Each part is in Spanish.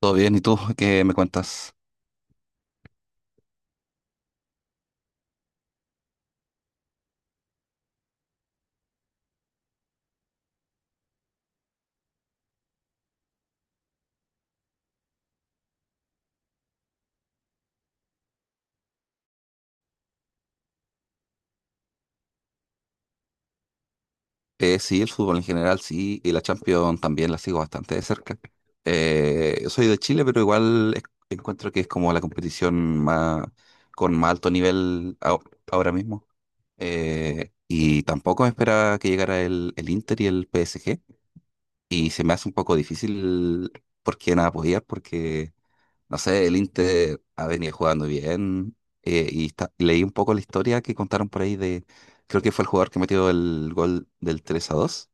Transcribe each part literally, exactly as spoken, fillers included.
Todo bien, ¿y tú qué me cuentas? Eh, sí, el fútbol en general, sí, y la Champions también la sigo bastante de cerca. Eh, yo soy de Chile, pero igual es- encuentro que es como la competición más, con más alto nivel ao- ahora mismo. Eh, y tampoco me esperaba que llegara el, el Inter y el P S G, y se me hace un poco difícil porque nada podía, porque no sé, el Inter ha venido jugando bien eh, y está- leí un poco la historia que contaron por ahí de, creo que fue el jugador que metió el gol del tres a dos.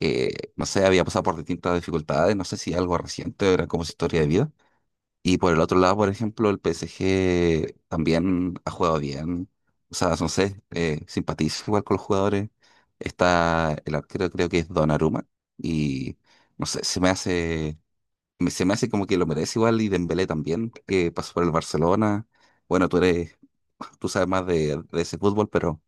Eh, no sé, había pasado por distintas dificultades, no sé si algo reciente, era como su historia de vida. Y por el otro lado, por ejemplo, el P S G también ha jugado bien. O sea, no sé, eh, simpatizo igual con los jugadores. Está el arquero, creo que es Donnarumma, y no sé, se me hace me- se me hace como que lo merece igual, y Dembélé también, que pasó por el Barcelona. Bueno, tú eres, tú sabes más de, de ese fútbol, pero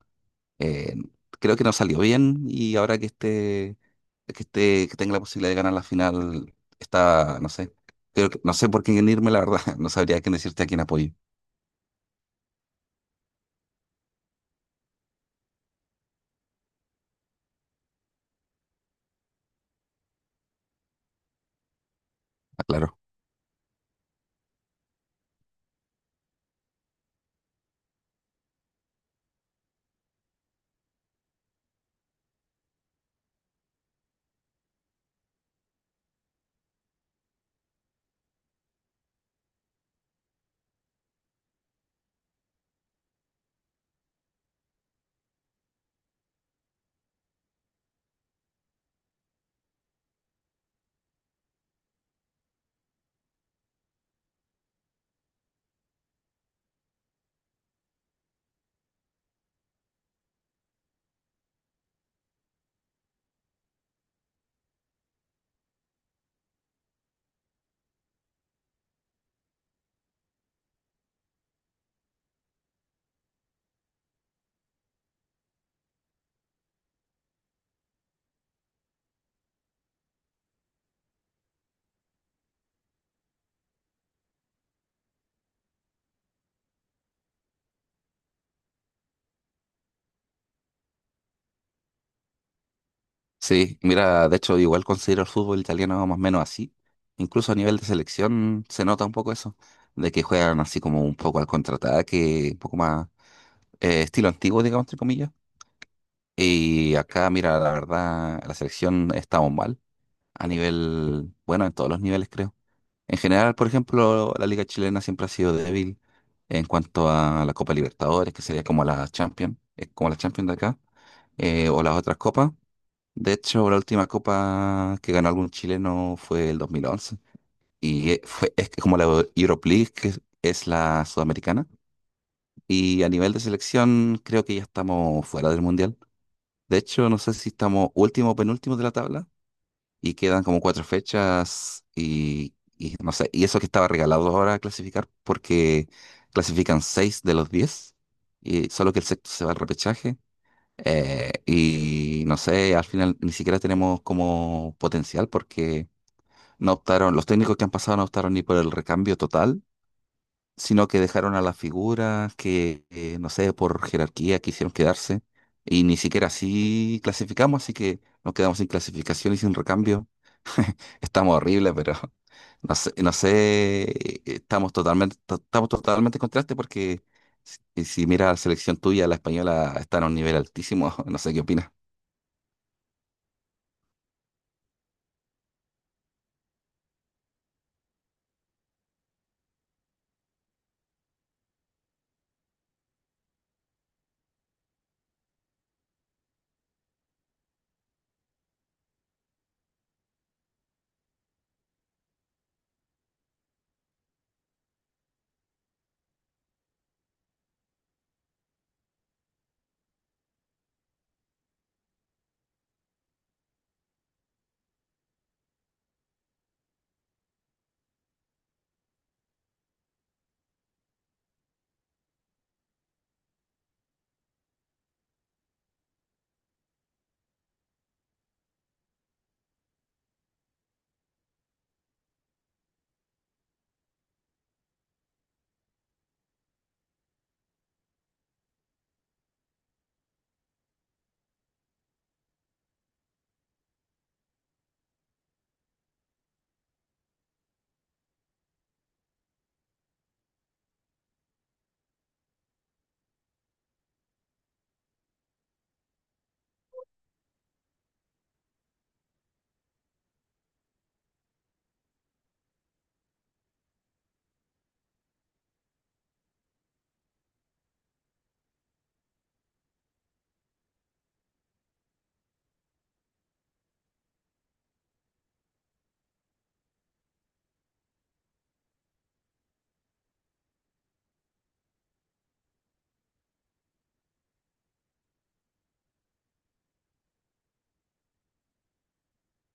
eh, creo que no salió bien, y ahora que esté, que esté, que tenga la posibilidad de ganar la final, está, no sé, creo que, no sé por quién irme, la verdad, no sabría quién decirte a quién apoyo, claro. Sí, mira, de hecho igual considero el fútbol italiano más o menos así. Incluso a nivel de selección se nota un poco eso, de que juegan así como un poco al contraataque, un poco más eh, estilo antiguo, digamos, entre comillas. Y acá, mira, la verdad, la selección estamos mal a nivel, bueno, en todos los niveles, creo. En general, por ejemplo, la liga chilena siempre ha sido débil en cuanto a la Copa Libertadores, que sería como la Champions, es como la Champions de acá, eh, o las otras copas. De hecho, la última copa que ganó algún chileno fue el dos mil once. Y eh, fue, es como la Europe League, que es es la sudamericana. Y a nivel de selección, creo que ya estamos fuera del mundial. De hecho, no sé si estamos último o penúltimo de la tabla, y quedan como cuatro fechas y, y no sé, y eso que estaba regalado ahora a clasificar porque clasifican seis de los diez, y solo que el sexto se va al repechaje. eh, y no sé, al final ni siquiera tenemos como potencial porque no optaron, los técnicos que han pasado no optaron ni por el recambio total, sino que dejaron a las figuras que, eh, no sé, por jerarquía quisieron quedarse, y ni siquiera así clasificamos, así que nos quedamos sin clasificación y sin recambio. Estamos horribles, pero no sé, no sé, eh, estamos totalmente, to- estamos totalmente en contraste porque si, si mira la selección tuya, la española está en un nivel altísimo, no sé qué opinas.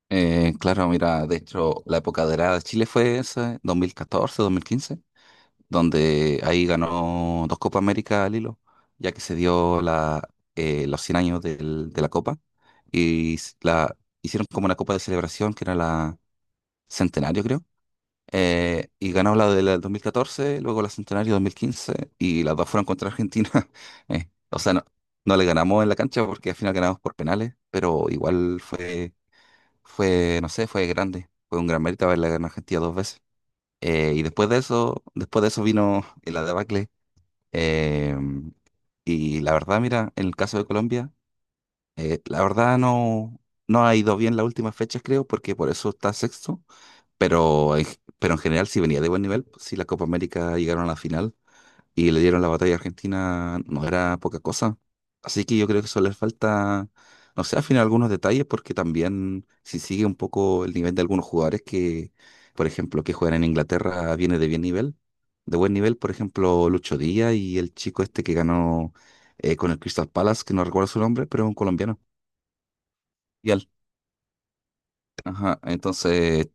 Eh, claro, mira, de hecho, la época dorada de Chile fue esa, dos mil catorce, dos mil quince. Donde ahí ganó dos Copas América al hilo, ya que se dio la, eh, los cien años del- de la Copa, y s- la hicieron como una Copa de celebración que era la Centenario, creo. eh, y ganó la del dos mil catorce, luego la Centenario dos mil quince, y las dos fueron contra Argentina. Eh, o sea, no, no le ganamos en la cancha porque al final ganamos por penales, pero igual fue, fue, no sé, fue grande. Fue un gran mérito haberle ganado a Argentina dos veces. Eh, y después de eso, después de eso vino eh, la debacle. Em, y la verdad, mira, en el caso de Colombia, eh, la verdad no, no ha ido bien las últimas fechas, creo, porque por eso está sexto, pero en, pero en general sí venía de buen nivel, pues sí, la Copa América llegaron a la final y le dieron la batalla a Argentina, no era poca cosa. Así que yo creo que eso les falta, no sé, al final algunos detalles, porque también si sigue un poco el nivel de algunos jugadores que, por ejemplo, que juegan en Inglaterra, viene de bien nivel, de buen nivel, por ejemplo, Lucho Díaz y el chico este que ganó eh, con el Crystal Palace, que no recuerdo su nombre, pero es un colombiano. Y al- Ajá, entonces,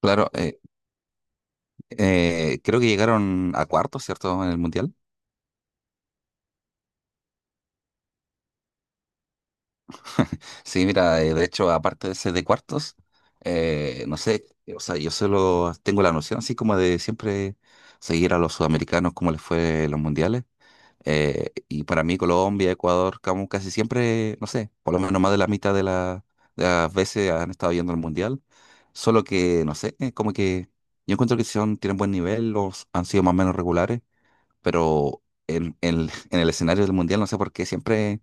claro, eh, eh, creo que llegaron a cuarto, ¿cierto? En el Mundial. Sí, mira, eh, de hecho, aparte de ese de cuartos, eh, no sé, o sea, yo solo tengo la noción así como de siempre seguir a los sudamericanos como les fue en los mundiales. Eh, y para mí Colombia, Ecuador, como casi siempre, no sé, por lo menos más de la mitad de, la- de las veces han estado yendo al mundial. Solo que, no sé, eh, como que yo encuentro que son, tienen buen nivel, los han sido más o menos regulares, pero en, en- en el escenario del mundial no sé por qué siempre,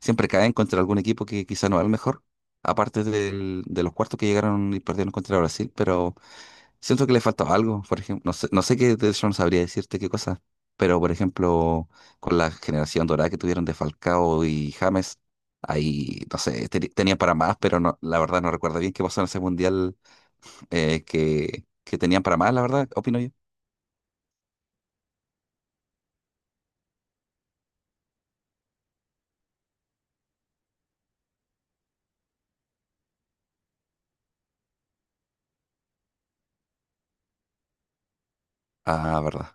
siempre caen contra algún equipo que quizá no es el mejor, aparte del- de los cuartos que llegaron y perdieron contra Brasil, pero siento que le faltaba algo, por ejemplo, no sé, no sé qué, de eso no sabría decirte qué cosa, pero por ejemplo, con la generación dorada que tuvieron de Falcao y James, ahí, no sé, teni- tenían para más, pero no, la verdad no recuerdo bien qué pasó en ese mundial. Eh, que, que tenían para más, la verdad, opino yo. Ah, verdad.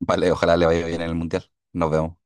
Vale, ojalá le vaya bien en el mundial. Nos vemos.